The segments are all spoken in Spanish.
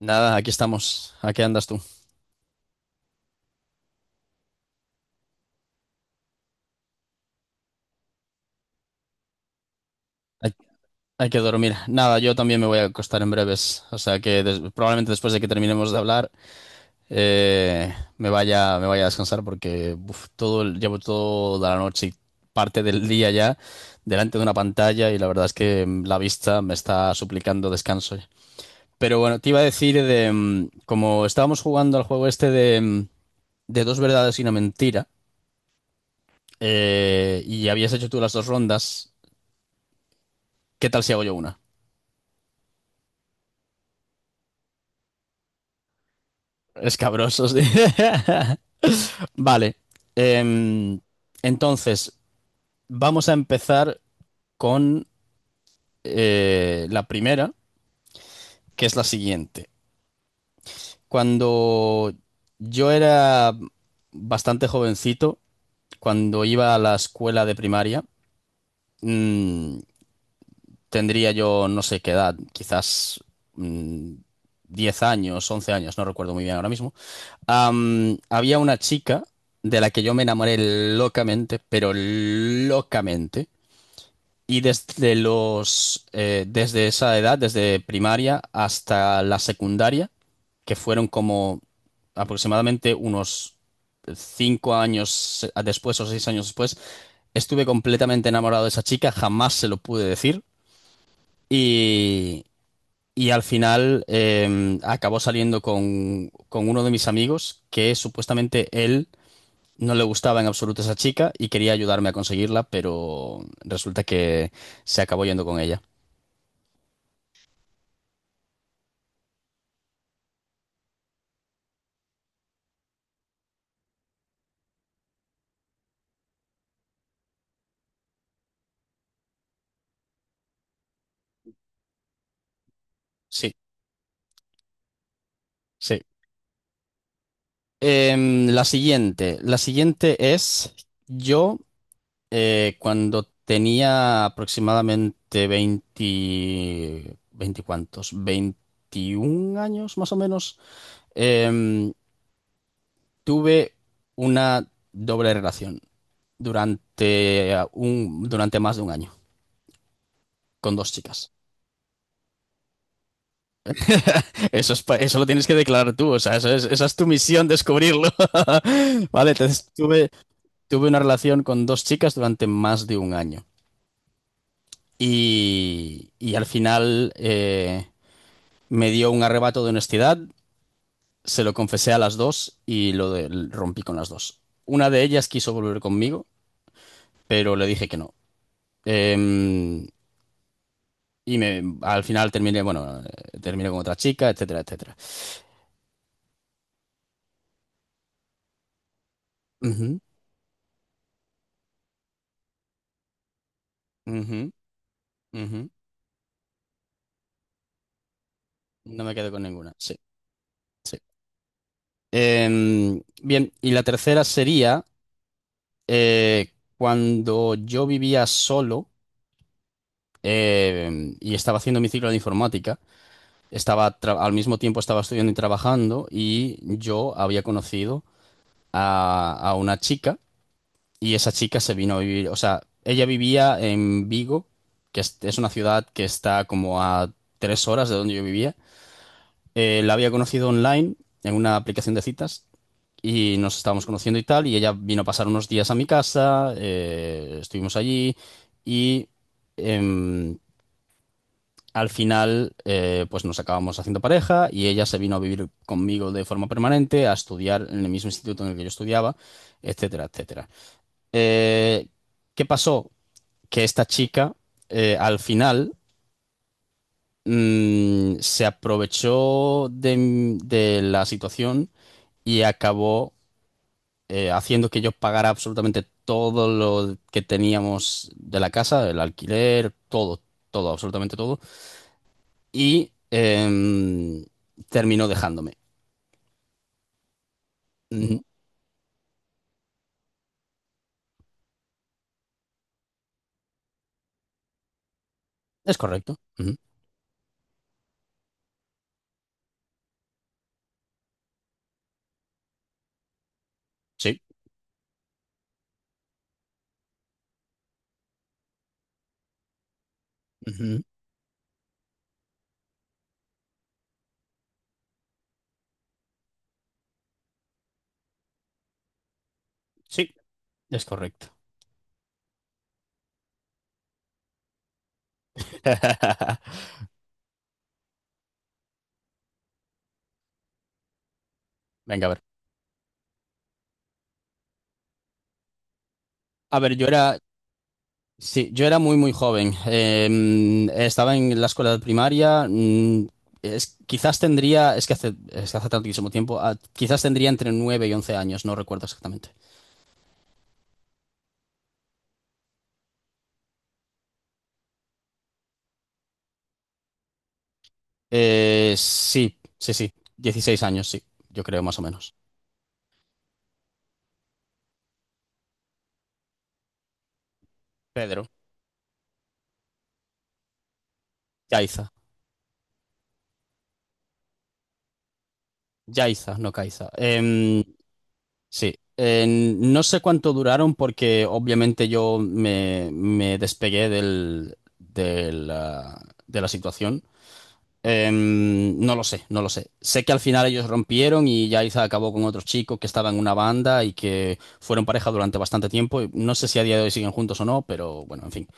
Nada, aquí estamos. ¿A qué andas tú? Hay, hay que dormir. Nada, yo también me voy a acostar en breves. O sea que des- probablemente después de que terminemos de hablar, me vaya a descansar porque uf, todo, el- llevo toda la noche y parte del día ya delante de una pantalla y la verdad es que la vista me está suplicando descanso. Ya. Pero bueno, te iba a decir de como estábamos jugando al juego este de, de 2 verdades y 1 mentira, y habías hecho tú las 2 rondas, ¿qué tal si hago yo una? Escabrosos. Sí. Vale. em, entonces, vamos a empezar con la primera, que es la siguiente. Cuando yo era bastante jovencito, cuando iba a la escuela de primaria, mm, tendría yo no sé qué edad, quizás mm, 10 años, 11 años, no recuerdo muy bien ahora mismo. Había una chica de la que yo me enamoré locamente, pero locamente. Y desde los, desde esa edad, desde primaria hasta la secundaria, que fueron como aproximadamente unos 5 años después o 6 años después, estuve completamente enamorado de esa chica, jamás se lo pude decir. Y, y al final, acabó saliendo con uno de mis amigos que supuestamente él no le gustaba en absoluto esa chica y quería ayudarme a conseguirla, pero resulta que se acabó yendo con ella. Sí, sí. La siguiente es yo, cuando tenía aproximadamente 20, 20 cuántos, 21 años más o menos, em, tuve una doble relación durante, durante más de 1 año con dos chicas. Eso es, pa- eso lo tienes que declarar tú, o sea, eso es, esa es tu misión, descubrirlo. Vale, entonces tuve, tuve una relación con 2 chicas durante más de 1 año. Y, y al final, me dio un arrebato de honestidad, se lo confesé a las dos y lo de- rompí con las dos. Una de ellas quiso volver conmigo, pero le dije que no. Em, y me, al final terminé, bueno, terminé con otra chica, etcétera, etcétera. Ujú, ujú, ujú. No me quedo con ninguna. Sí, sí. Bien, y la tercera sería eh, cuando yo vivía solo y estaba haciendo mi ciclo de informática, estaba tra- al mismo tiempo estaba estudiando y trabajando y yo había conocido a una chica. Y esa chica se vino a vivir, o sea, ella vivía en Vigo, que es una ciudad que está como a 3 horas de donde yo vivía. La había conocido online en una aplicación de citas y nos estábamos conociendo y tal, y ella vino a pasar unos días a mi casa, estuvimos allí y em, al final pues nos acabamos haciendo pareja y ella se vino a vivir conmigo de forma permanente, a estudiar en el mismo instituto en el que yo estudiaba, etcétera, etcétera. Eh, ¿Qué pasó? Que esta chica al final se aprovechó de, m- de la situación y acabó haciendo que yo pagara absolutamente todo lo que teníamos de la casa, el alquiler, todo, todo, absolutamente todo, y terminó dejándome. Ujú. Es correcto. Ujú. Sí. Ujú. Sí, es correcto. Venga, a ver. A ver, yo era, sí, yo era muy, muy joven. Estaba en la escuela primaria. Es- quizás tendría, es que hace tantísimo tiempo, ah, quizás tendría entre 9 y 11 años, no recuerdo exactamente. Sí, sí, sí, 16 años, sí, yo creo más o menos. Pedro. Yaiza. Yaiza, no Caiza. Sí, en- no sé cuánto duraron porque obviamente yo me, me despegué del, del, de la situación. No lo sé, no lo sé. Sé que al final ellos rompieron y Yaiza acabó con otros chicos que estaban en una banda y que fueron pareja durante bastante tiempo. Y no sé si a día de hoy siguen juntos o no, pero bueno, en fin.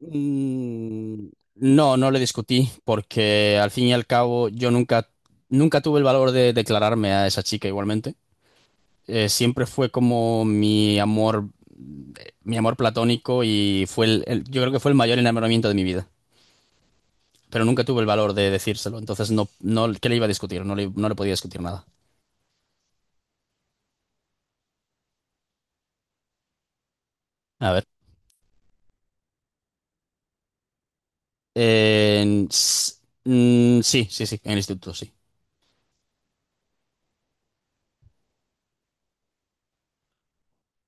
Mm, no, no le discutí porque al fin y al cabo yo nunca, nunca tuve el valor de declararme a esa chica igualmente. Siempre fue como mi amor platónico y fue el- yo creo que fue el mayor enamoramiento de mi vida. Pero nunca tuve el valor de decírselo. Entonces, no, no, ¿qué le iba a discutir? No le, no le podía discutir nada. A ver. Eh, s- sí, sí, sí, en el instituto, sí.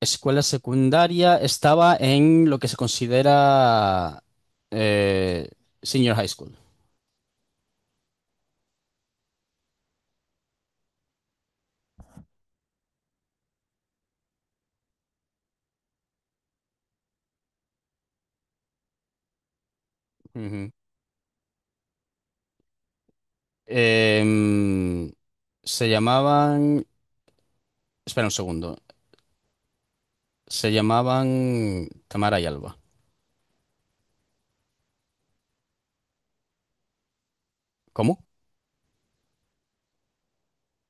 Escuela secundaria estaba en lo que se considera eh, senior high school. Ujú. Em, se llamaban... Espera un segundo. Se llamaban Tamara y Alba. ¿Cómo?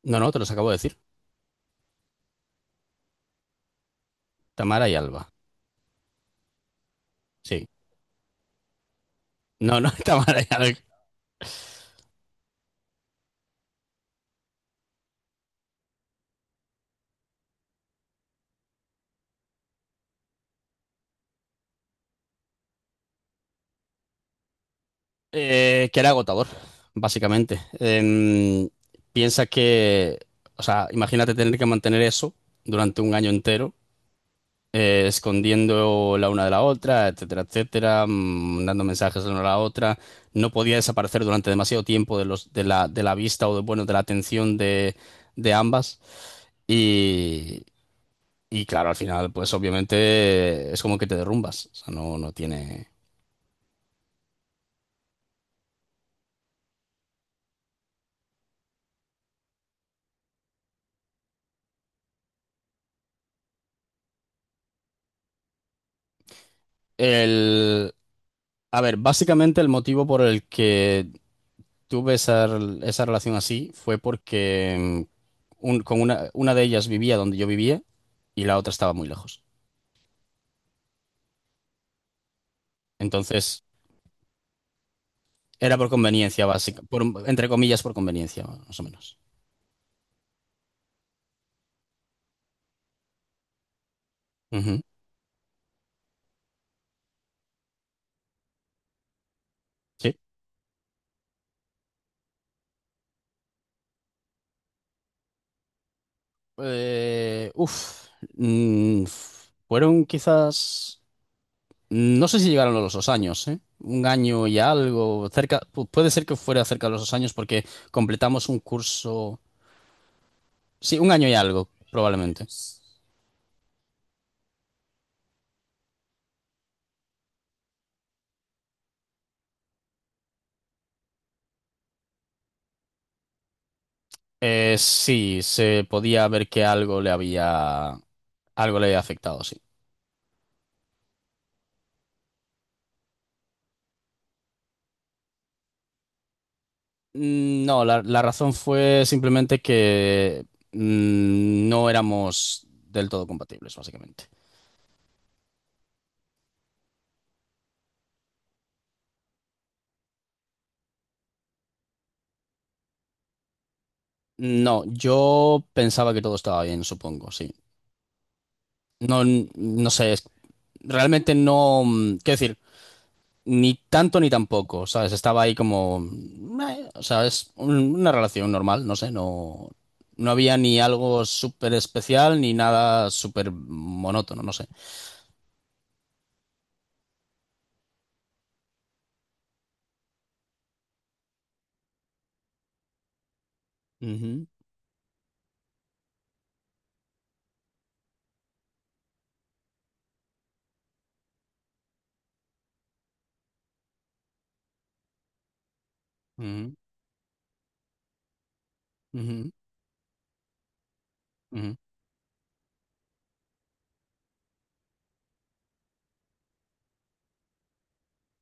No, no, te los acabo de decir. Tamara y Alba. Sí. No, no, Tamara y Alba. Que era agotador, básicamente. Piensa que, o sea, imagínate tener que mantener eso durante 1 año entero, escondiendo la una de la otra, etcétera, etcétera, dando mensajes la una a la otra. No podía desaparecer durante demasiado tiempo de los, de la vista o de, bueno, de la atención de ambas. Y, y claro, al final, pues obviamente es como que te derrumbas. O sea, no, no tiene. El, a ver, básicamente el motivo por el que tuve esa, rel- esa relación así fue porque un- con una de ellas vivía donde yo vivía y la otra estaba muy lejos. Entonces, era por conveniencia básica, por, entre comillas, por conveniencia, más o menos. Ujú. Sí. Eh, uf, f- fueron quizás, no sé si llegaron a los 2 años, ¿eh? Un año y algo, cerca, pu- puede ser que fuera cerca de los 2 años porque completamos un curso, sí, 1 año y algo, probablemente. Sí, se podía ver que algo le había afectado, sí. No, la razón fue simplemente que no éramos del todo compatibles, básicamente. No, yo pensaba que todo estaba bien, supongo, sí. No, no sé, es- realmente no, quiero decir, ni tanto ni tampoco, ¿sabes? Estaba ahí como... o sea, es un- una relación normal, no sé, no... No había ni algo súper especial ni nada súper monótono, no sé. Ujú, ujú, ujú,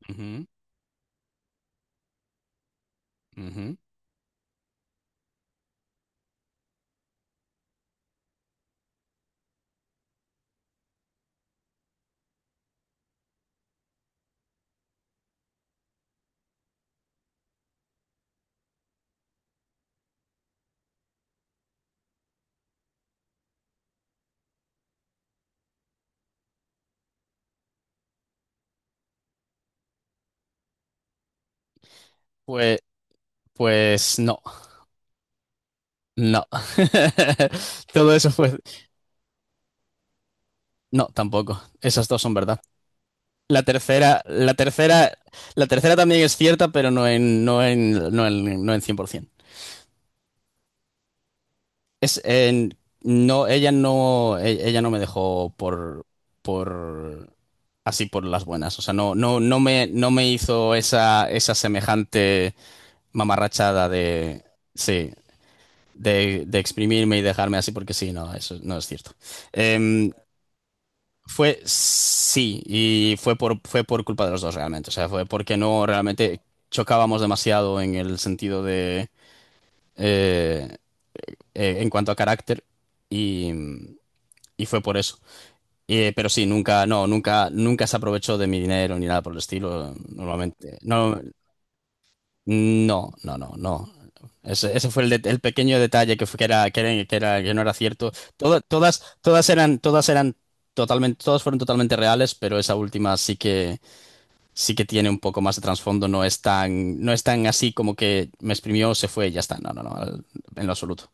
ujú, ujú, ujú. Pues, pues no, no. Todo eso fue... No, tampoco. Esas dos son verdad. La tercera, la tercera, la tercera también es cierta, pero no en 100%. Es, en- no, ella no, e- ella no me dejó por así por las buenas. O sea, no, no, no me, no me hizo esa, esa semejante mamarrachada de, sí, de exprimirme y dejarme así porque sí, no, eso no es cierto. Em, fue sí y fue por, fue por culpa de los dos realmente. O sea, fue porque no realmente chocábamos demasiado en el sentido de eh, en cuanto a carácter y y fue por eso. Pero sí, nunca, no, nunca, nunca se aprovechó de mi dinero ni nada por el estilo, normalmente. No, no, no, no, no. Ese fue el, de- el pequeño detalle que fue, que era, que era, que era- que no era cierto. Toda- todas, todas eran totalmente, todas fueron totalmente reales, pero esa última sí que tiene un poco más de trasfondo. No es tan, no es tan así como que me exprimió, se fue y ya está. No, no, no, en lo absoluto.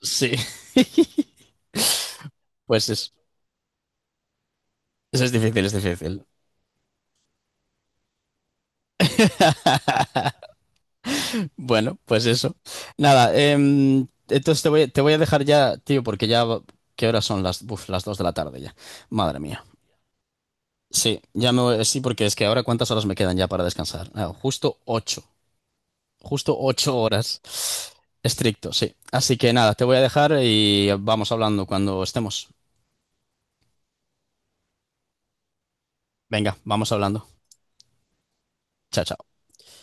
Sí, pues es difícil, es difícil. Bueno, pues eso. Nada, entonces te voy a dejar ya, tío, porque ya, va- ¿qué horas son las, uf, las 2 de la tarde ya? Madre mía. Sí, ya me voy, sí, porque es que ahora cuántas horas me quedan ya para descansar. Ah, justo 8 justo 8 horas. Estricto, sí. Así que nada, te voy a dejar y vamos hablando cuando estemos. Venga, vamos hablando. Chao, chao.